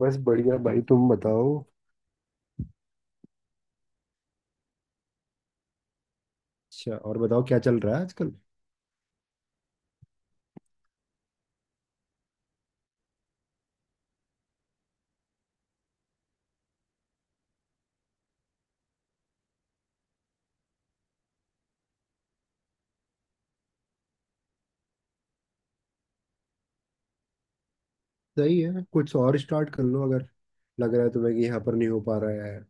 बस बढ़िया भाई, तुम बताओ। अच्छा, और बताओ क्या चल रहा है आजकल। सही है, कुछ और स्टार्ट कर लो अगर लग रहा है तुम्हें कि यहाँ पर नहीं हो पा रहा है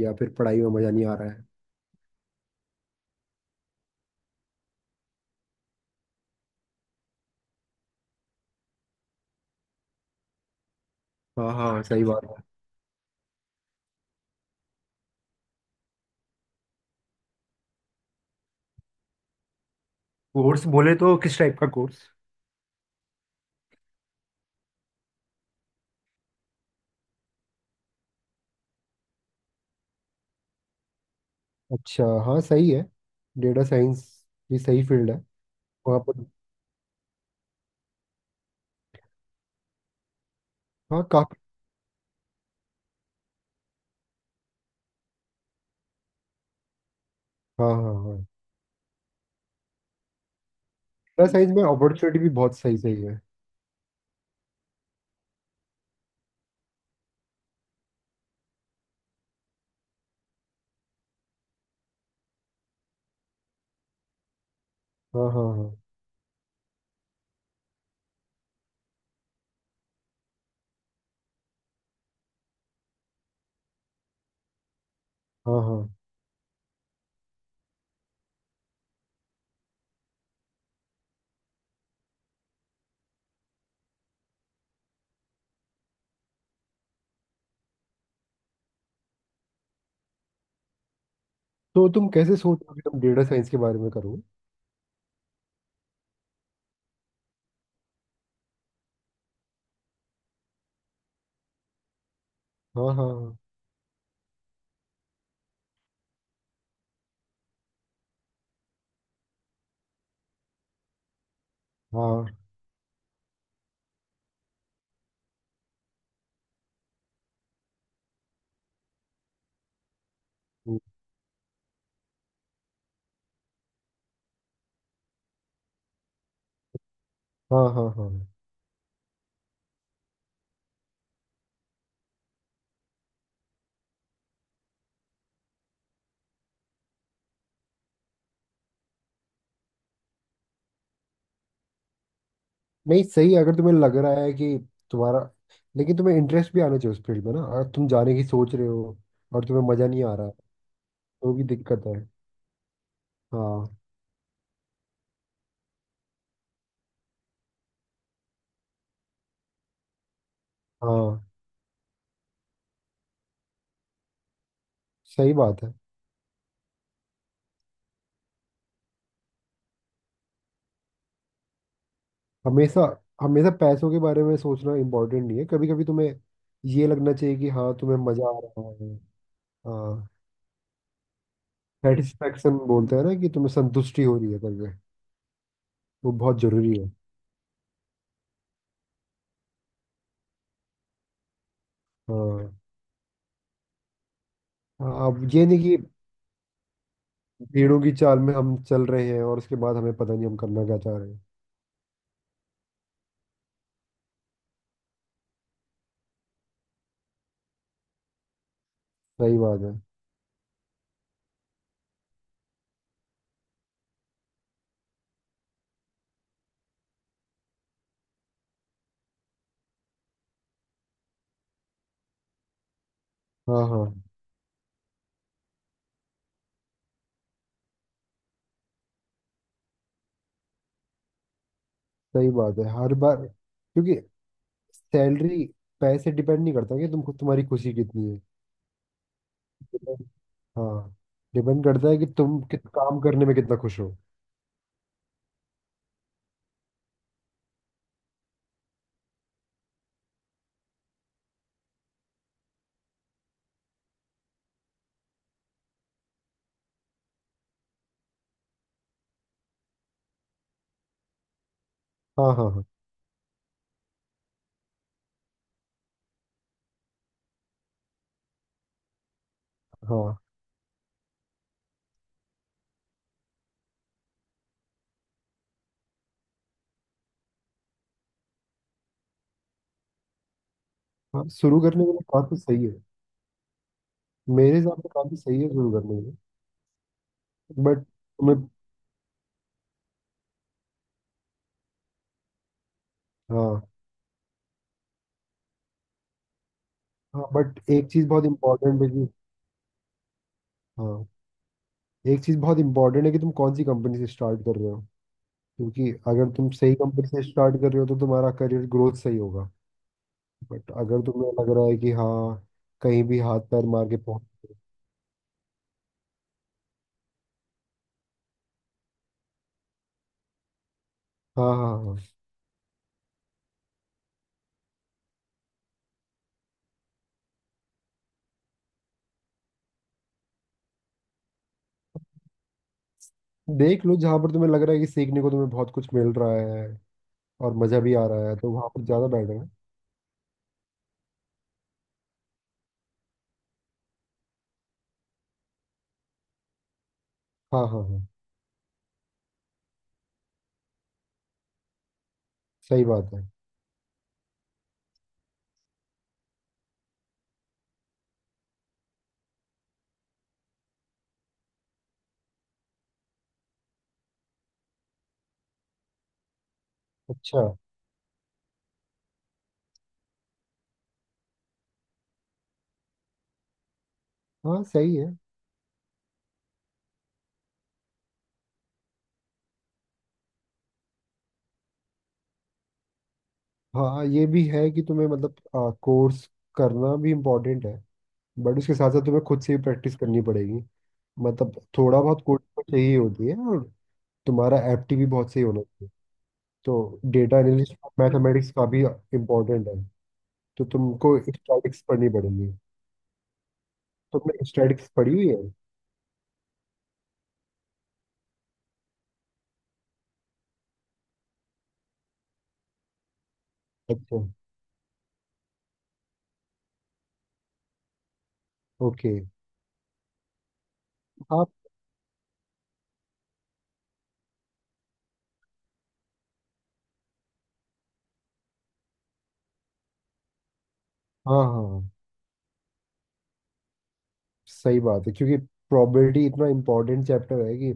या फिर पढ़ाई में मजा नहीं आ रहा है। हाँ हाँ, सही बात है। कोर्स बोले तो किस टाइप का कोर्स। अच्छा हाँ, सही है। डेटा साइंस भी सही फील्ड है। वहाँ पर। हाँ काफी। हाँ हाँ हाँ। डेटा साइंस में अपॉर्चुनिटी भी बहुत सही सही है। हाँ हाँ हाँ हाँ हाँ। तो तुम कैसे सोच रहे हो कि तुम डेटा साइंस के बारे में करो। हाँ हाँ हाँ हाँ हाँ हाँ हाँ हाँ। नहीं सही है, अगर तुम्हें लग रहा है कि तुम्हारा लेकिन तुम्हें इंटरेस्ट भी आना चाहिए उस फील्ड में ना, अगर तुम जाने की सोच रहे हो और तुम्हें मजा नहीं आ रहा है तो भी दिक्कत है। हाँ हाँ, सही बात है। हमेशा हमेशा पैसों के बारे में सोचना इम्पोर्टेंट नहीं है, कभी कभी तुम्हें ये लगना चाहिए कि हाँ तुम्हें मजा आ रहा है। हाँ। सेटिस्फेक्शन बोलते हैं ना कि तुम्हें संतुष्टि हो रही है करके, वो बहुत जरूरी है। हाँ हाँ, अब ये नहीं कि भीड़ों की चाल में हम चल रहे हैं और उसके बाद हमें पता नहीं हम करना क्या चाह रहे हैं। सही बात है। हाँ हाँ, सही बात है। हर बार क्योंकि सैलरी पैसे डिपेंड नहीं करता कि तुम तुम्हारी खुशी कितनी है। Depend-। हाँ। डिपेंड करता है कि तुम किस काम करने में कितना खुश हो। हाँ हाँ हाँ हाँ। हाँ शुरू करने के लिए काफी सही है। मेरे हिसाब से काफी सही है शुरू करने के लिए। बट तुम्हें हाँ हाँ, बट एक चीज बहुत इम्पोर्टेंट है कि हाँ, एक चीज बहुत इम्पोर्टेंट है कि तुम कौन सी कंपनी से स्टार्ट कर रहे हो। क्योंकि अगर तुम सही कंपनी से स्टार्ट कर रहे हो तो तुम्हारा करियर ग्रोथ सही होगा। बट अगर तुम्हें लग रहा है कि हाँ कहीं भी हाथ पैर मार के पहुंच। हाँ हाँ हाँ हाँ। देख लो जहाँ पर तुम्हें लग रहा है कि सीखने को तुम्हें बहुत कुछ मिल रहा है और मज़ा भी आ रहा है तो वहाँ पर ज़्यादा बेटर है। हाँ हाँ हाँ, सही बात है। अच्छा हाँ सही है। हाँ हाँ, ये भी है कि तुम्हें मतलब कोर्स करना भी इम्पोर्टेंट है, बट उसके साथ साथ तुम्हें खुद से भी प्रैक्टिस करनी पड़ेगी। मतलब थोड़ा बहुत कोडिंग तो चाहिए होती है और तुम्हारा एप्टी भी बहुत सही होना चाहिए। तो डेटा एनालिस्ट, मैथमेटिक्स काफ़ी इम्पोर्टेंट है। तो तुमको स्टैटिक्स पढ़नी पड़ेगी। तुमने स्टैटिक्स पढ़ी हुई है। अच्छा। ओके। हाँ हाँ हाँ, सही बात है क्योंकि प्रोबेबिलिटी इतना इम्पोर्टेंट चैप्टर है कि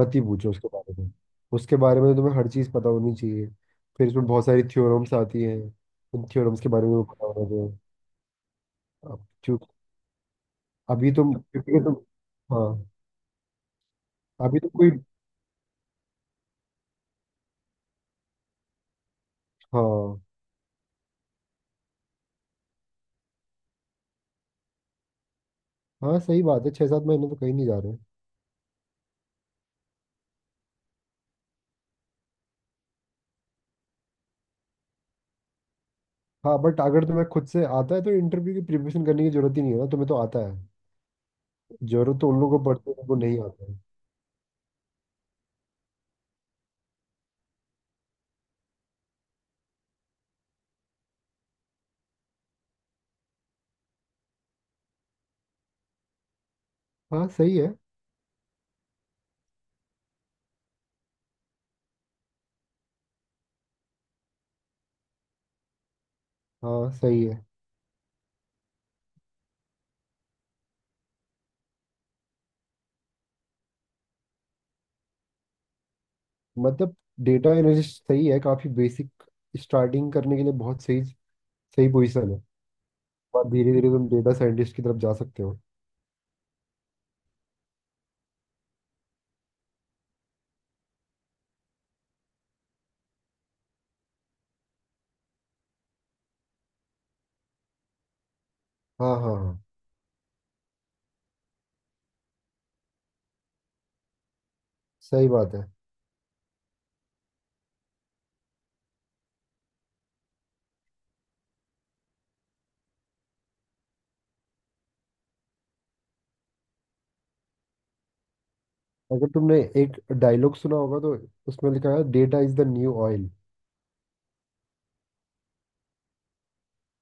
मत ही पूछो उसके बारे में। उसके बारे में तो तुम्हें हर चीज़ पता होनी चाहिए। फिर इसमें बहुत सारी थ्योरम्स आती हैं। उन थ्योरम्स के बारे में भी पता होना चाहिए। अब क्योंकि अभी तुम क्योंकि तुम हाँ। अभी तो कोई हाँ हाँ, सही बात है। 6-7 महीने तो कहीं नहीं जा रहे। हाँ बट अगर तुम्हें खुद से आता है तो इंटरव्यू की प्रिपरेशन करने की जरूरत ही नहीं है ना, तुम्हें तो आता है। जरूरत तो उन लोगों को पड़ती है, उनको नहीं आता है। हाँ सही है। हाँ सही है। मतलब डेटा एनालिस्ट सही है, काफी बेसिक, स्टार्टिंग करने के लिए बहुत सही सही पोजीशन है। और धीरे धीरे तुम डेटा साइंटिस्ट की तरफ जा सकते हो। हाँ हाँ हाँ, सही बात है। अगर तुमने एक डायलॉग सुना होगा तो उसमें लिखा है data is the new oil.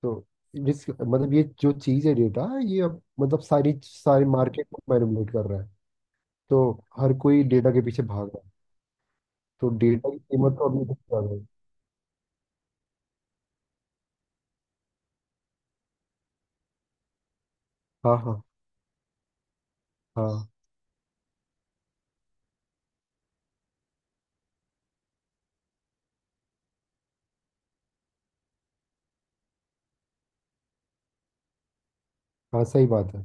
तो जिस मतलब ये जो चीज है डेटा, ये अब मतलब सारी सारी मार्केट को मैनिपुलेट कर रहा है। तो हर कोई डेटा के पीछे भाग रहा है। तो डेटा की कीमत तो अभी तक ज्यादा है। हाँ हाँ हाँ हाँ, सही बात है।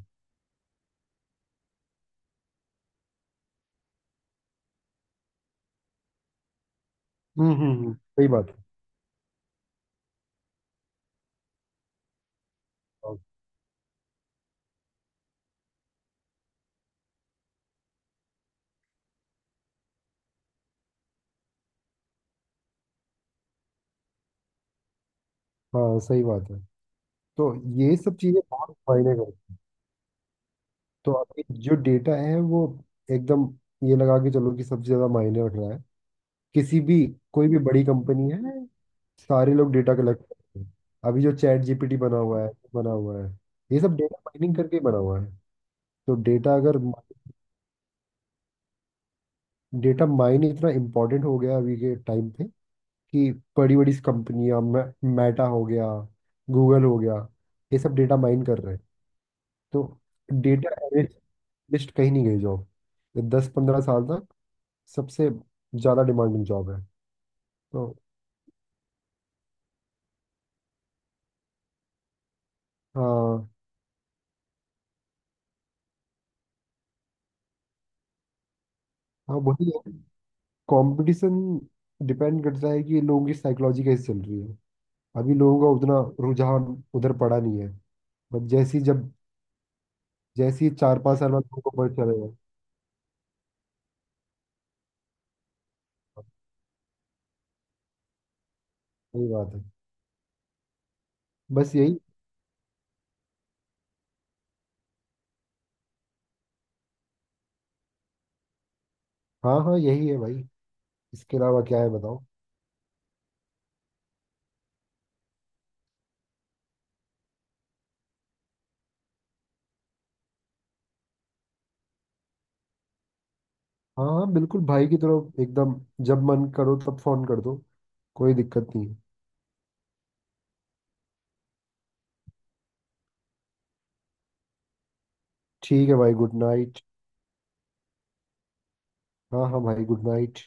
सही बात है। हाँ हाँ, सही बात है। तो ये सब चीज़ें बहुत मायने करती हैं। तो अभी जो डेटा है वो एकदम ये लगा के चलो कि सबसे ज़्यादा मायने रख रहा है। किसी भी कोई भी बड़ी कंपनी है, सारे लोग डेटा कलेक्ट करते हैं। अभी जो चैट GPT बना हुआ है, बना हुआ है, ये सब डेटा माइनिंग करके बना हुआ है। तो डेटा अगर डेटा माइन इतना इम्पोर्टेंट हो गया अभी के टाइम पे कि बड़ी बड़ी कंपनियां, मेटा हो गया, गूगल हो गया, ये सब डेटा माइन कर रहे हैं। तो डेटा एनालिस्ट कहीं नहीं गई जॉब, ये 10-15 साल तक सबसे ज़्यादा डिमांडिंग जॉब है। तो हाँ हाँ, वही है। कंपटीशन डिपेंड करता है कि लोगों की साइकोलॉजी कैसी चल रही है। अभी लोगों का उतना रुझान उधर पड़ा नहीं है। बट जैसी जब, जैसी 4-5 साल बाद लोगों को पता चलेगा। सही बात है। बस यही। हाँ हाँ, यही है भाई। इसके अलावा क्या है बताओ। हाँ हाँ, बिल्कुल भाई की तरफ एकदम, जब मन करो तब फोन कर दो, कोई दिक्कत नहीं है। ठीक है भाई, गुड नाइट। हाँ हाँ भाई, गुड नाइट।